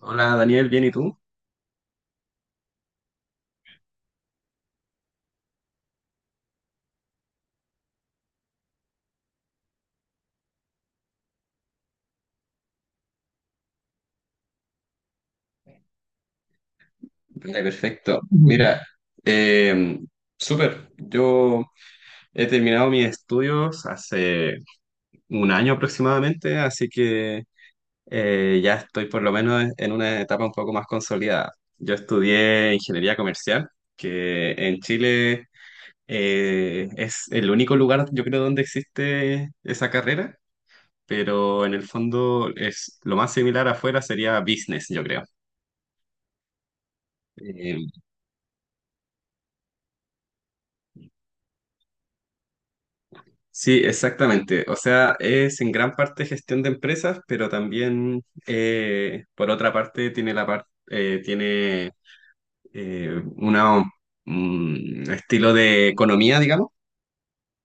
Hola Daniel, ¿bien y tú? Vale, perfecto. Mira, eh, súper. Yo he terminado mis estudios hace un año aproximadamente, así que ya estoy por lo menos en una etapa un poco más consolidada. Yo estudié ingeniería comercial, que en Chile es el único lugar, yo creo, donde existe esa carrera, pero en el fondo es lo más similar afuera sería business, yo creo. Em, Sí, exactamente. O sea, es en gran parte gestión de empresas, pero también, por otra parte, tiene eh, una, un estilo de economía, digamos.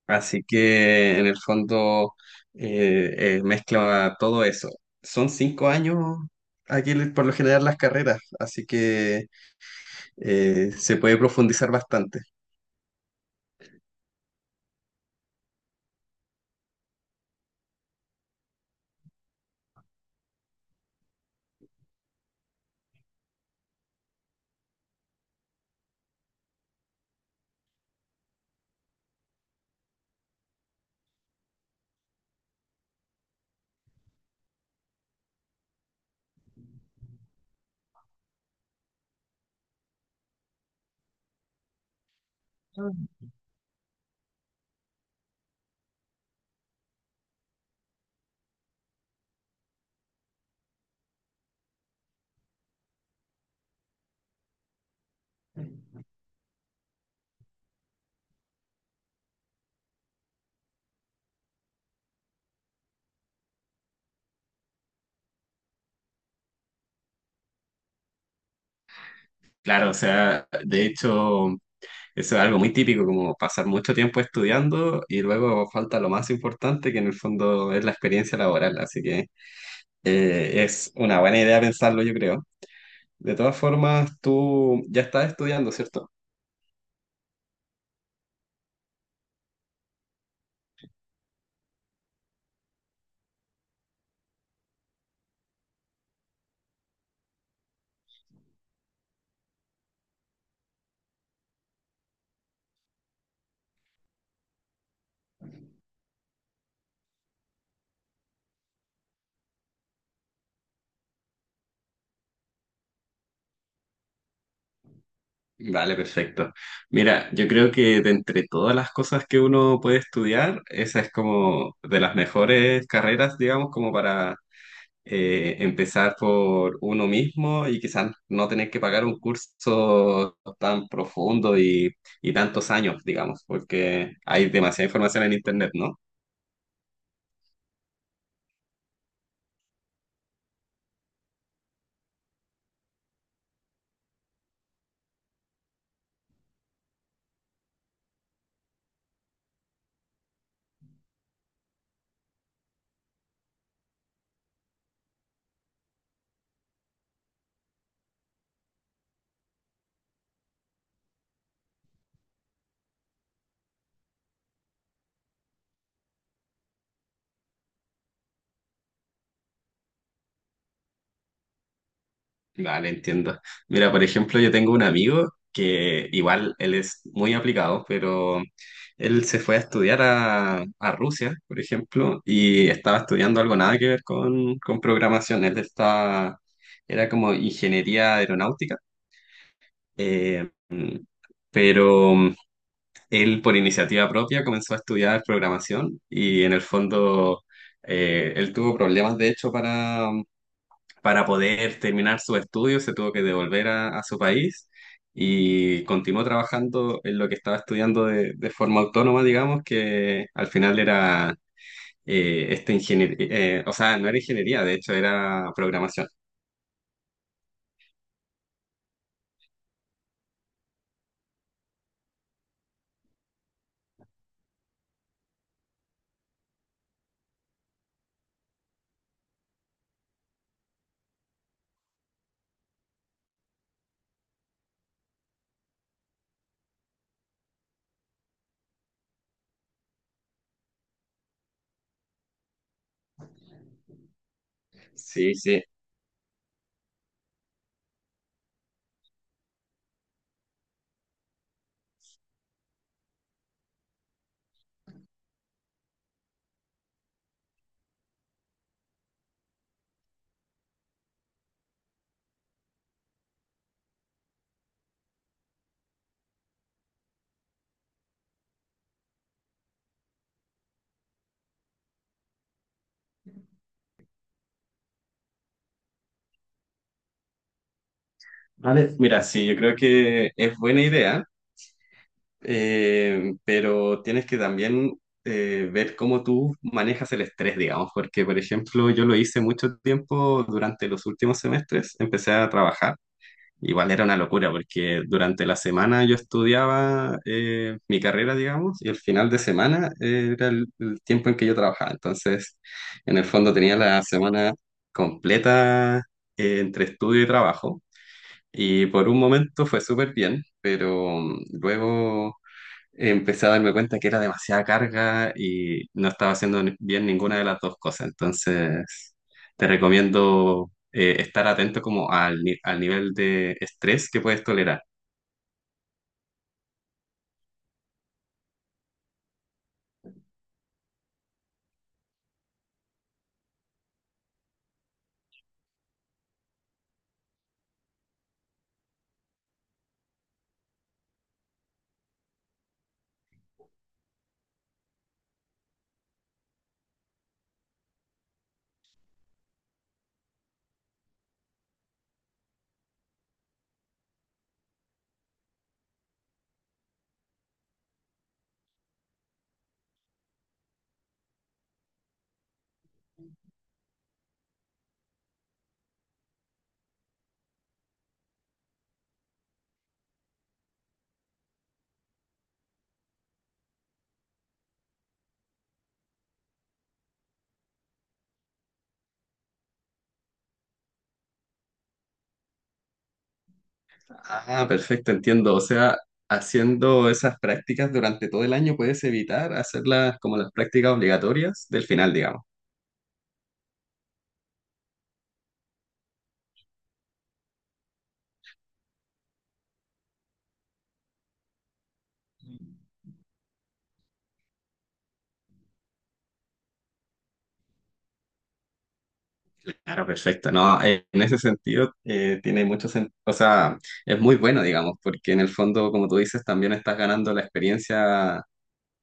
Así que, en el fondo, mezcla todo eso. Son 5 años aquí, por lo general, las carreras, así que se puede profundizar bastante. Claro, o sea, de hecho. Eso es algo muy típico, como pasar mucho tiempo estudiando y luego falta lo más importante, que en el fondo es la experiencia laboral. Así que es una buena idea pensarlo, yo creo. De todas formas, tú ya estás estudiando, ¿cierto? Vale, perfecto. Mira, yo creo que de entre todas las cosas que uno puede estudiar, esa es como de las mejores carreras, digamos, como para empezar por uno mismo y quizás no tener que pagar un curso tan profundo y tantos años, digamos, porque hay demasiada información en Internet, ¿no? Vale, entiendo. Mira, por ejemplo, yo tengo un amigo que igual él es muy aplicado, pero él se fue a estudiar a Rusia, por ejemplo, y estaba estudiando algo nada que ver con programación. Era como ingeniería aeronáutica. Eh, pero él por iniciativa propia comenzó a estudiar programación y en el fondo él tuvo problemas de hecho para poder terminar sus estudios, se tuvo que devolver a su país y continuó trabajando en lo que estaba estudiando de forma autónoma, digamos, que al final era esta ingeniería. O sea, no era ingeniería, de hecho era programación. Sí, sí. Vale, mira, sí, yo creo que es buena idea. Pero tienes que también ver cómo tú manejas el estrés, digamos, porque, por ejemplo, yo lo hice mucho tiempo durante los últimos semestres, empecé a trabajar. Igual era una locura porque durante la semana yo estudiaba mi carrera, digamos, y el final de semana era el tiempo en que yo trabajaba. Entonces, en el fondo tenía la semana completa entre estudio y trabajo. Y por un momento fue súper bien, pero luego empecé a darme cuenta que era demasiada carga y no estaba haciendo bien ninguna de las dos cosas. Entonces, te recomiendo estar atento como al, ni- al nivel de estrés que puedes tolerar. Ah, perfecto, entiendo. O sea, haciendo esas prácticas durante todo el año puedes evitar hacerlas como las prácticas obligatorias del final, digamos. Claro, perfecto. No, en ese sentido tiene mucho sentido. O sea, es muy bueno, digamos, porque en el fondo, como tú dices, también estás ganando la experiencia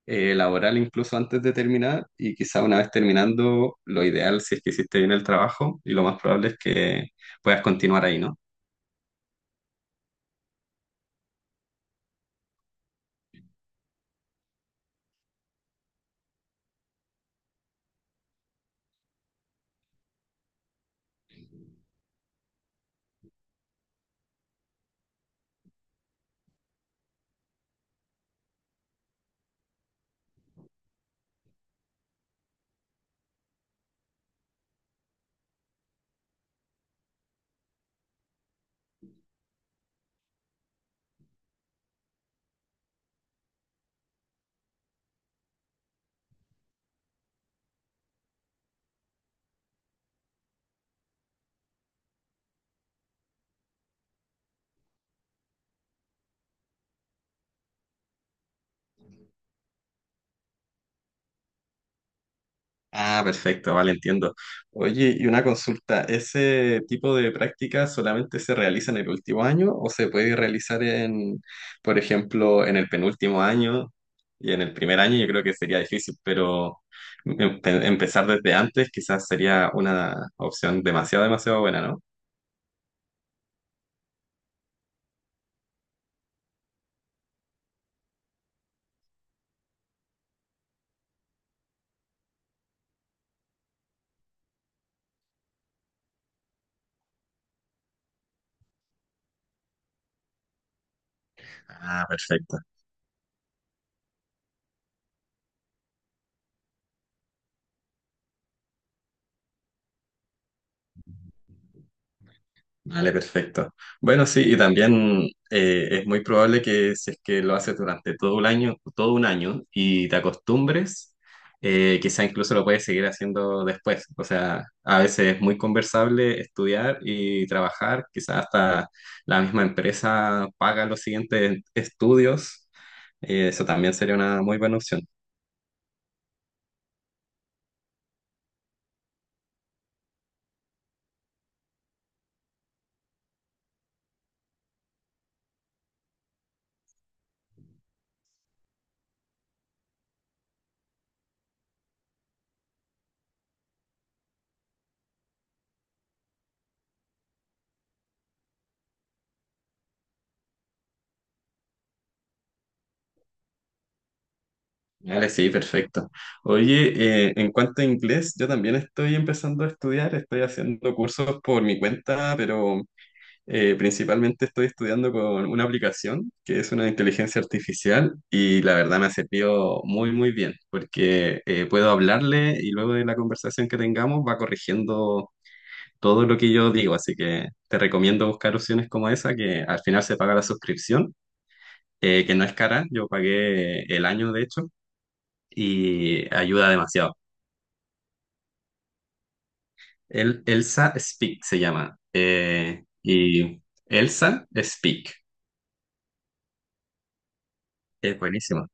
laboral incluso antes de terminar, y quizá una vez terminando, lo ideal si es que hiciste bien el trabajo y lo más probable es que puedas continuar ahí, ¿no? Ah, perfecto, vale, entiendo. Oye, y una consulta, ¿ese tipo de prácticas solamente se realiza en el último año o se puede realizar, en, por ejemplo, en el penúltimo año y en el primer año? Yo creo que sería difícil, pero empezar desde antes quizás sería una opción demasiado, demasiado buena, ¿no? Ah, perfecto. Vale, perfecto. Bueno, sí, y también es muy probable que si es que lo haces durante todo un año y te acostumbres, quizá incluso lo puedes seguir haciendo después. O sea, a veces es muy conversable estudiar y trabajar, quizá hasta la misma empresa paga los siguientes estudios. Eso también sería una muy buena opción. Vale, sí, perfecto. Oye, en cuanto a inglés, yo también estoy empezando a estudiar, estoy haciendo cursos por mi cuenta, pero principalmente estoy estudiando con una aplicación que es una inteligencia artificial y la verdad me ha servido muy, muy bien, porque puedo hablarle y luego de la conversación que tengamos va corrigiendo todo lo que yo digo, así que te recomiendo buscar opciones como esa, que al final se paga la suscripción, que no es cara, yo pagué el año de hecho y ayuda demasiado. Elsa Speak se llama. Y Elsa Speak. Es buenísimo.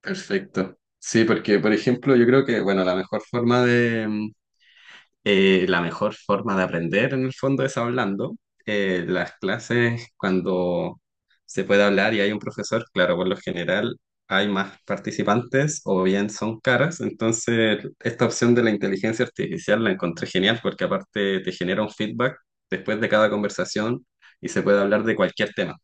Perfecto. Sí, porque, por ejemplo, yo creo que, bueno, la mejor forma de aprender en el fondo es hablando. Las clases, cuando se puede hablar y hay un profesor, claro, por lo general hay más participantes o bien son caras. Entonces, esta opción de la inteligencia artificial la encontré genial porque aparte te genera un feedback después de cada conversación y se puede hablar de cualquier tema.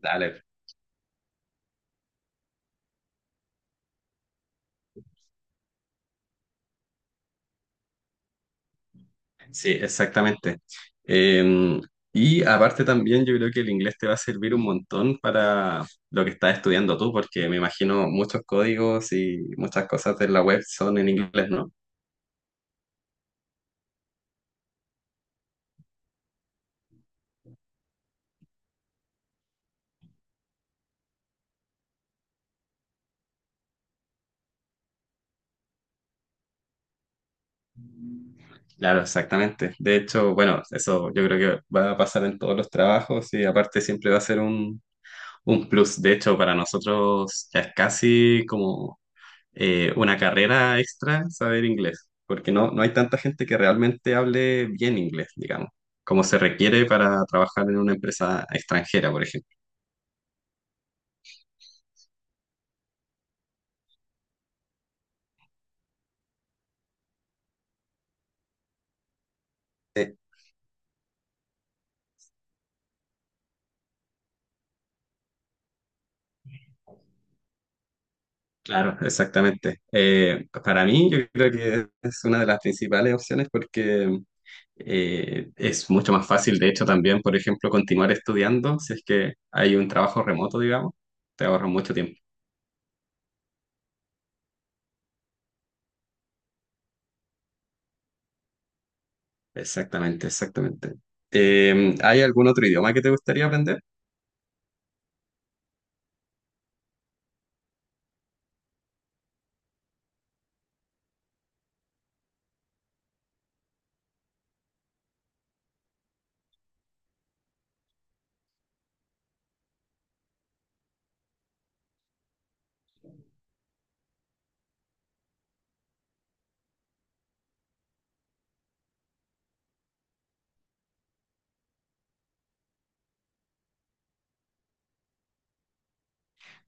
Dale. Sí, exactamente. Eh, y aparte también yo creo que el inglés te va a servir un montón para lo que estás estudiando tú, porque me imagino muchos códigos y muchas cosas de la web son en inglés, ¿no? Claro, exactamente. De hecho, bueno, eso yo creo que va a pasar en todos los trabajos, y aparte siempre va a ser un plus. De hecho, para nosotros ya es casi como una carrera extra saber inglés, porque no, no hay tanta gente que realmente hable bien inglés, digamos, como se requiere para trabajar en una empresa extranjera, por ejemplo. Claro, exactamente. Para mí, yo creo que es una de las principales opciones porque es mucho más fácil, de hecho, también, por ejemplo, continuar estudiando si es que hay un trabajo remoto, digamos, te ahorra mucho tiempo. Exactamente, exactamente. ¿Hay algún otro idioma que te gustaría aprender?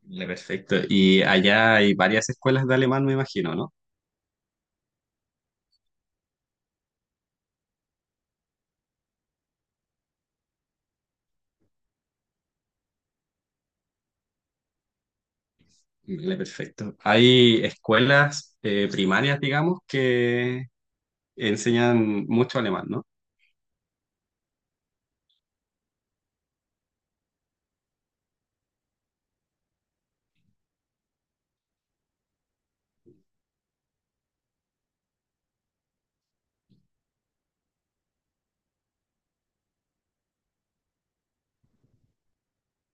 Le perfecto. Y allá hay varias escuelas de alemán, me imagino, ¿no? Le perfecto. Hay escuelas primarias, digamos, que enseñan mucho alemán, ¿no?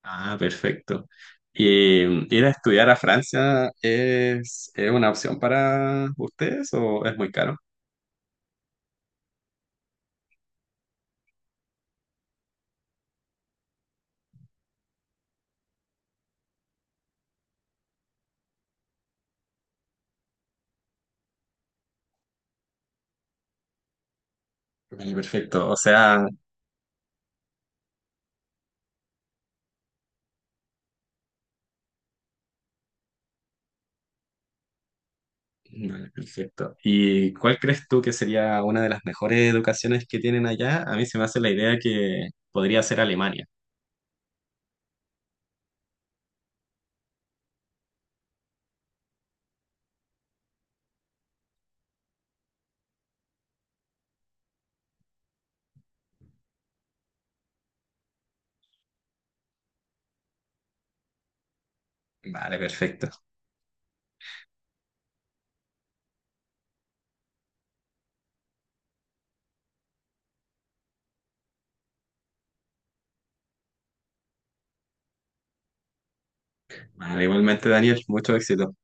Ah, perfecto. ¿Y ir a estudiar a Francia es una opción para ustedes o es muy caro? Vale, perfecto. O sea, vale, perfecto. ¿Y cuál crees tú que sería una de las mejores educaciones que tienen allá? A mí se me hace la idea que podría ser Alemania. Vale, perfecto. Vale, igualmente, Daniel, mucho éxito.